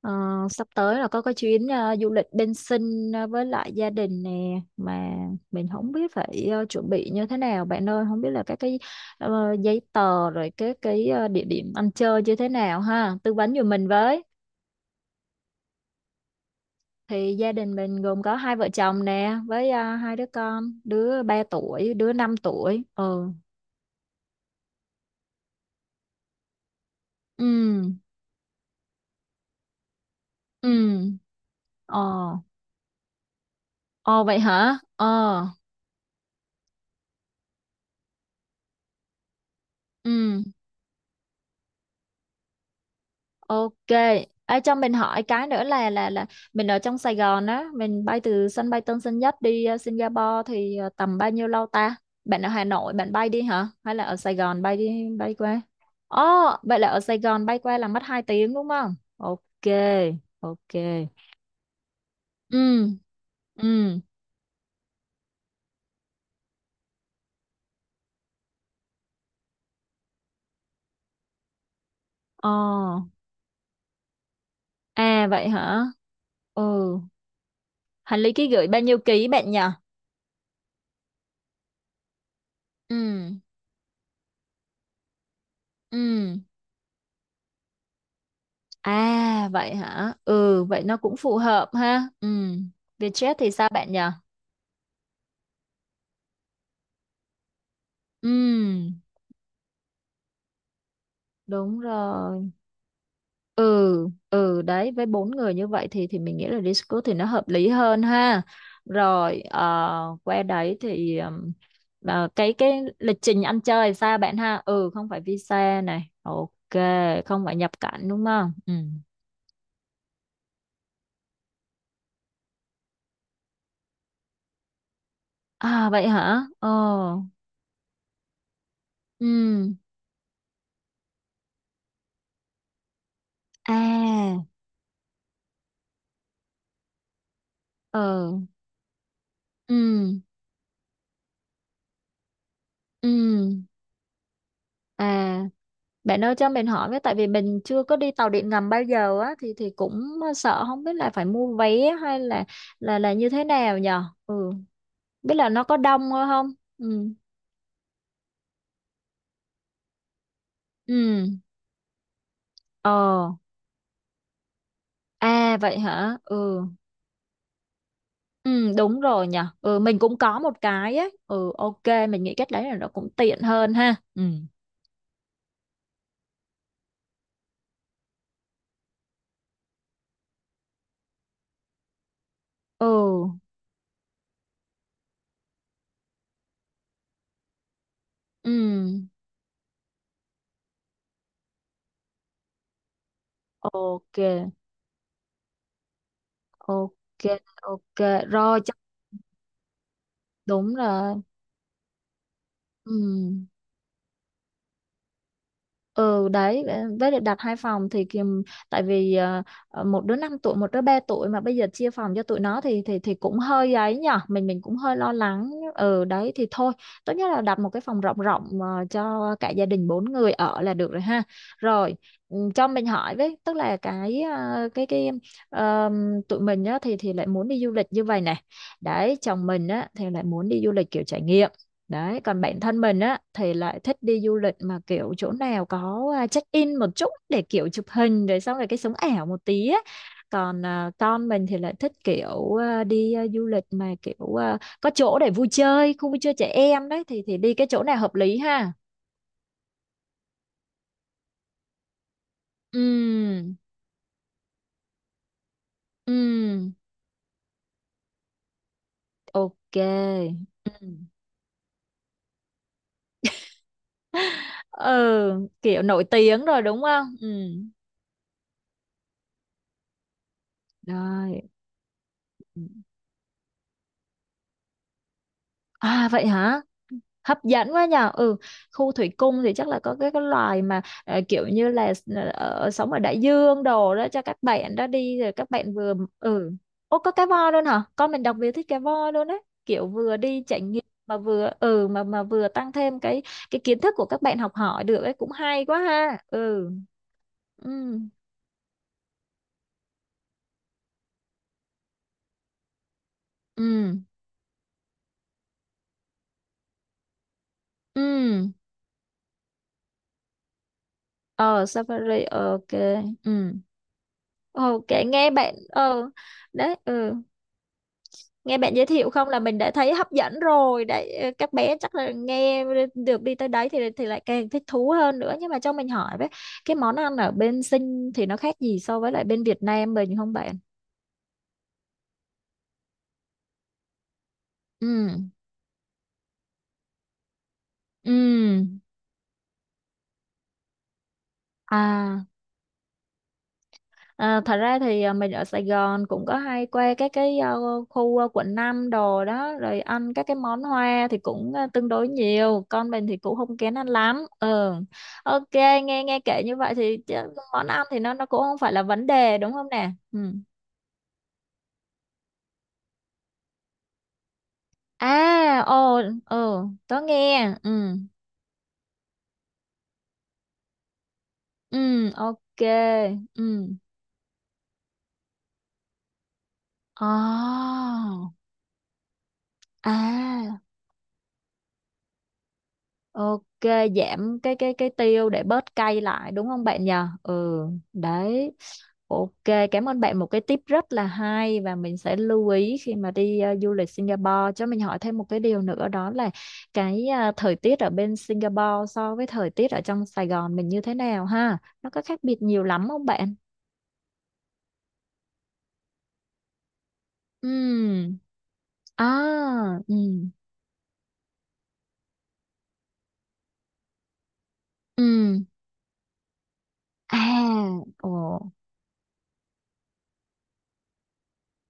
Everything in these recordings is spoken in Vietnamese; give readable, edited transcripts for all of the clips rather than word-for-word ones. Ờ, Sắp tới là có cái chuyến du lịch bên Sinh với lại gia đình nè mà mình không biết phải chuẩn bị như thế nào bạn ơi, không biết là các cái giấy tờ rồi cái địa điểm ăn chơi như thế nào ha, tư vấn giùm mình với. Thì gia đình mình gồm có hai vợ chồng nè với hai đứa con, đứa ba tuổi đứa năm tuổi. Ừ. Ừ. Ừ. Ờ. Ờ vậy hả? Ờ. Ừ. Ok. Ê, cho mình hỏi cái nữa là là mình ở trong Sài Gòn á, mình bay từ sân bay Tân Sơn Nhất đi Singapore thì tầm bao nhiêu lâu ta? Bạn ở Hà Nội bạn bay đi hả? Hay là ở Sài Gòn bay đi bay qua? Ồ, vậy là ở Sài Gòn bay qua là mất 2 tiếng đúng không? Ok, ok. Ừ, ừ. Ồ, à vậy hả? Ừ, hành lý ký gửi bao nhiêu ký bạn nhỉ? Ừ, ừ. À vậy hả? Ừ vậy nó cũng phù hợp ha. Ừ. Vietjet thì sao bạn nhỉ? Ừ đúng rồi. Ừ ừ đấy, với bốn người như vậy thì mình nghĩ là Discord thì nó hợp lý hơn ha. Rồi qua đấy thì cái lịch trình ăn chơi sao bạn ha? Ừ không phải visa này. Ok, không phải nhập cảnh đúng không? Ừ. À vậy hả? Ờ. Ừ. À. Ờ. Ừ. Ừ. À, bạn ơi cho mình hỏi với, tại vì mình chưa có đi tàu điện ngầm bao giờ á thì cũng sợ không biết là phải mua vé hay là là như thế nào nhờ. Ừ, biết là nó có đông không? Ừ. Ừ. Ờ, à vậy hả? Ừ. Ừ đúng rồi nhờ. Ừ mình cũng có một cái á. Ừ ok, mình nghĩ cách đấy là nó cũng tiện hơn ha. Ừ. Ừ. Ừ. Ok, ok, ok. Rồi chắc đúng rồi. Ừ. Ừ đấy với lại đặt hai phòng thì kìm, tại vì một đứa 5 tuổi một đứa 3 tuổi mà bây giờ chia phòng cho tụi nó thì cũng hơi ấy nhở, mình cũng hơi lo lắng ừ đấy, thì thôi tốt nhất là đặt một cái phòng rộng rộng cho cả gia đình bốn người ở là được rồi ha. Rồi ừ, cho mình hỏi với, tức là cái cái tụi mình á thì lại muốn đi du lịch như vậy này, đấy chồng mình á thì lại muốn đi du lịch kiểu trải nghiệm. Đấy, còn bản thân mình á thì lại thích đi du lịch mà kiểu chỗ nào có check-in một chút để kiểu chụp hình rồi xong rồi cái sống ảo một tí á. Còn con mình thì lại thích kiểu đi du lịch mà kiểu có chỗ để vui chơi, khu vui chơi trẻ em đấy, thì đi cái chỗ nào hợp lý ha. Ừm, ừm, ok. Ừm. Ừ, kiểu nổi tiếng rồi đúng không? Ừm. Rồi. À vậy hả? Hấp dẫn quá nhờ. Ừ, khu thủy cung thì chắc là có cái loài mà kiểu như là sống ở đại dương đồ đó, cho các bạn đó đi rồi các bạn vừa ừ. Ô có cá voi luôn hả? Con mình đặc biệt thích cá voi luôn đấy, kiểu vừa đi trải nghiệm mà vừa ừ mà vừa tăng thêm cái kiến thức của các bạn, học hỏi được ấy, cũng hay quá ha. Ừ ừ ừ ừ. Ờ safari ok. Ừ ok nghe bạn ờ đấy ừ. Nghe bạn giới thiệu không là mình đã thấy hấp dẫn rồi đấy, các bé chắc là nghe được đi tới đấy thì lại càng thích thú hơn nữa. Nhưng mà cho mình hỏi với, cái món ăn ở bên Sinh thì nó khác gì so với lại bên Việt Nam mình không bạn? Ừ. Ừ. À. À, thật ra thì mình ở Sài Gòn cũng có hay qua các cái khu quận 5 đồ đó rồi ăn các cái món hoa thì cũng tương đối nhiều. Con mình thì cũng không kén ăn lắm ừ ok. Nghe nghe kể như vậy thì chứ món ăn thì nó cũng không phải là vấn đề đúng không nè. Ừ. À ồ ừ, tớ nghe ừ ừ ok ừ. Ồ, à ok, giảm cái cái tiêu để bớt cay lại đúng không bạn nhờ? Ừ, đấy. Ok, cảm ơn bạn một cái tip rất là hay, và mình sẽ lưu ý khi mà đi du lịch Singapore. Cho mình hỏi thêm một cái điều nữa, đó là cái thời tiết ở bên Singapore so với thời tiết ở trong Sài Gòn mình như thế nào ha? Nó có khác biệt nhiều lắm không bạn? Ừ. À, ừ, ừ. À, ồ.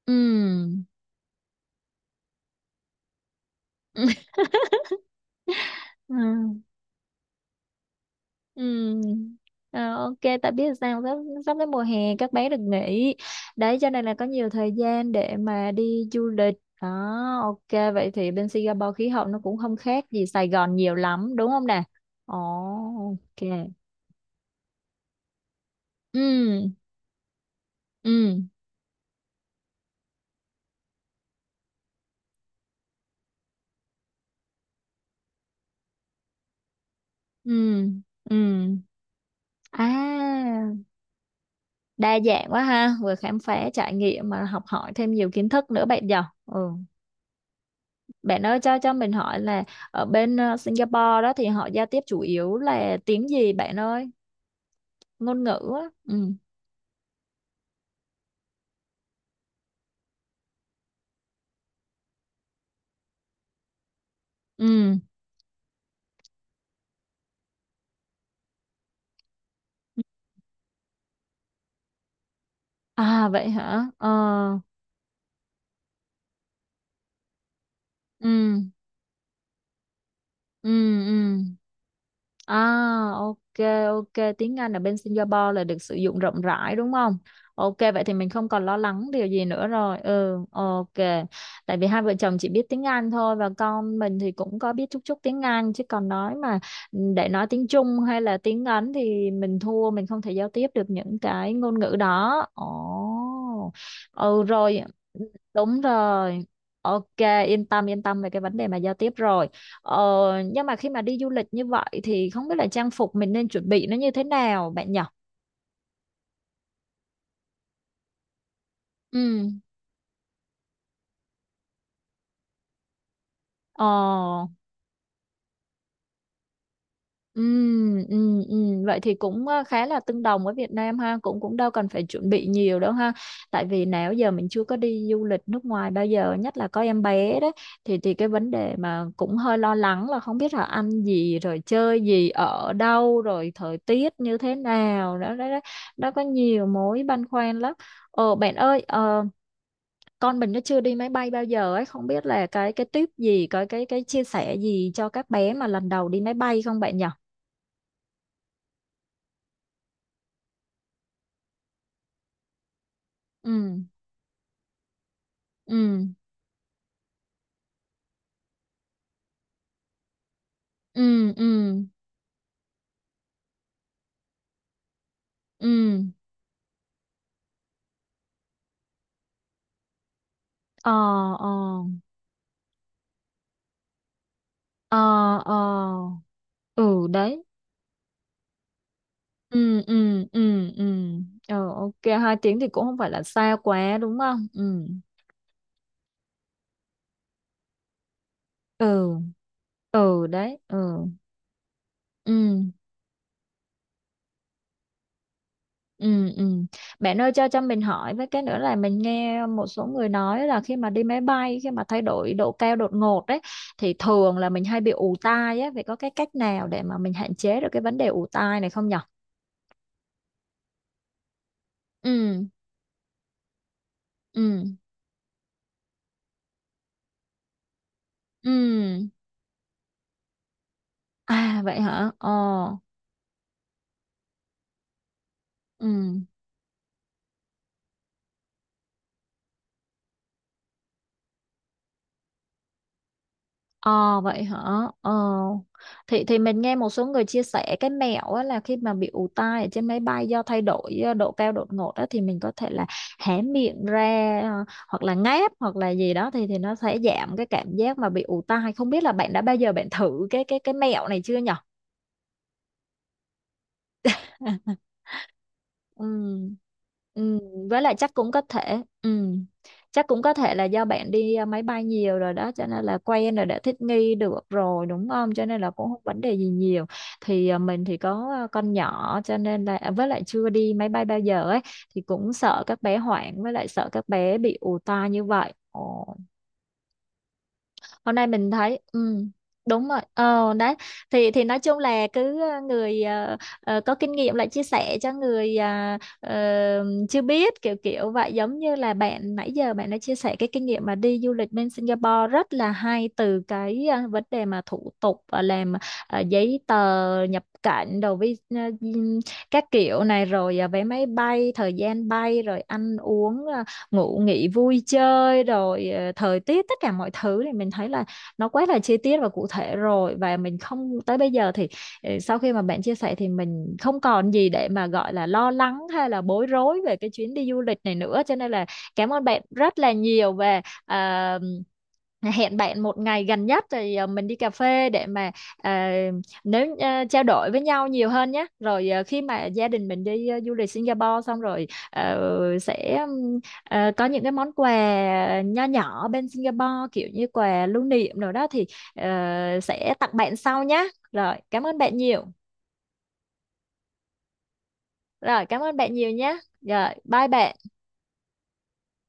Ừm. Ừ. Ừ. Ờ, ok tại biết sao sắp sắp đến mùa hè các bé được nghỉ đấy, cho nên là có nhiều thời gian để mà đi du lịch đó. Ok vậy thì bên Singapore khí hậu nó cũng không khác gì Sài Gòn nhiều lắm đúng không nè? Ồ ok. Ừ ừ ừ ừ à. Đa dạng quá ha, vừa khám phá trải nghiệm mà học hỏi thêm nhiều kiến thức nữa bạn nhỉ. Ừ. Bạn ơi cho mình hỏi là ở bên Singapore đó thì họ giao tiếp chủ yếu là tiếng gì bạn ơi? Ngôn ngữ á. Ừ. Ừ. À vậy hả? Ờ. Ừ. Ừ. Ừ. À, ok, ok. Tiếng Anh ở bên Singapore là được sử dụng rộng rãi đúng không? Ok, vậy thì mình không còn lo lắng điều gì nữa rồi. Ừ, ok. Tại vì hai vợ chồng chỉ biết tiếng Anh thôi và con mình thì cũng có biết chút chút tiếng Anh, chứ còn nói mà để nói tiếng Trung hay là tiếng Ấn thì mình thua, mình không thể giao tiếp được những cái ngôn ngữ đó. Ồ, ừ rồi, đúng rồi. Ok, yên tâm về cái vấn đề mà giao tiếp rồi. Ờ, nhưng mà khi mà đi du lịch như vậy thì không biết là trang phục mình nên chuẩn bị nó như thế nào bạn nhỉ? Ừ. Ờ. Ừ, ừ, ừ. Vậy thì cũng khá là tương đồng với Việt Nam ha, cũng cũng đâu cần phải chuẩn bị nhiều đâu ha. Tại vì nào giờ mình chưa có đi du lịch nước ngoài bao giờ, nhất là có em bé đấy, thì cái vấn đề mà cũng hơi lo lắng là không biết là ăn gì rồi chơi gì ở đâu rồi thời tiết như thế nào đó đó đó. Nó có nhiều mối băn khoăn lắm. Ờ bạn ơi, ờ, con mình nó chưa đi máy bay bao giờ ấy, không biết là cái tip gì cái chia sẻ gì cho các bé mà lần đầu đi máy bay không bạn nhỉ? Ừ ừ ừ ừ ừ ờ ờ ờ ờ ừ đấy ừ ừ ừ ừ. Ờ ok, hai tiếng thì cũng không phải là xa quá đúng không. Ừ ừ ừ đấy ừ ừ. Ừ, ừ. Bạn ơi cho mình hỏi với cái nữa là mình nghe một số người nói là khi mà đi máy bay, khi mà thay đổi độ cao đột ngột đấy thì thường là mình hay bị ù tai á, vậy có cái cách nào để mà mình hạn chế được cái vấn đề ù tai này không nhở? Ừ, ừ, ừ. À vậy hả? Ờ, ừ. Ờ vậy hả? Ờ. Thì mình nghe một số người chia sẻ cái mẹo á, là khi mà bị ù tai ở trên máy bay do thay đổi độ cao đột ngột á thì mình có thể là hé miệng ra hoặc là ngáp hoặc là gì đó, thì nó sẽ giảm cái cảm giác mà bị ù tai. Không biết là bạn đã bao giờ bạn thử cái cái mẹo này chưa nhở? Ừ. Ừ. Với lại chắc cũng có thể ừ. Chắc cũng có thể là do bạn đi máy bay nhiều rồi đó cho nên là quen rồi, đã thích nghi được rồi đúng không, cho nên là cũng không vấn đề gì nhiều. Thì mình thì có con nhỏ cho nên là à, với lại chưa đi máy bay bao giờ ấy thì cũng sợ các bé hoảng với lại sợ các bé bị ù tai như vậy. Hôm nay mình thấy ừ, đúng rồi ờ đấy, thì nói chung là cứ người có kinh nghiệm lại chia sẻ cho người chưa biết kiểu kiểu vậy, giống như là bạn nãy giờ bạn đã chia sẻ cái kinh nghiệm mà đi du lịch bên Singapore rất là hay, từ cái vấn đề mà thủ tục làm giấy tờ nhập cảnh đồ vi các kiểu này, rồi à, vé máy bay, thời gian bay, rồi ăn uống ngủ nghỉ vui chơi, rồi thời tiết, tất cả mọi thứ, thì mình thấy là nó quá là chi tiết và cụ thể rồi. Và mình không tới bây giờ thì sau khi mà bạn chia sẻ thì mình không còn gì để mà gọi là lo lắng hay là bối rối về cái chuyến đi du lịch này nữa, cho nên là cảm ơn bạn rất là nhiều về à, hẹn bạn một ngày gần nhất thì mình đi cà phê để mà ờ, nếu trao đổi với nhau nhiều hơn nhé. Rồi khi mà gia đình mình đi du lịch Singapore xong rồi sẽ ờ, có những cái món quà nho nhỏ bên Singapore, kiểu như quà lưu niệm rồi đó thì ờ, sẽ tặng bạn sau nhé. Rồi, cảm ơn bạn nhiều. Rồi, cảm ơn bạn nhiều nhé. Rồi, bye bạn.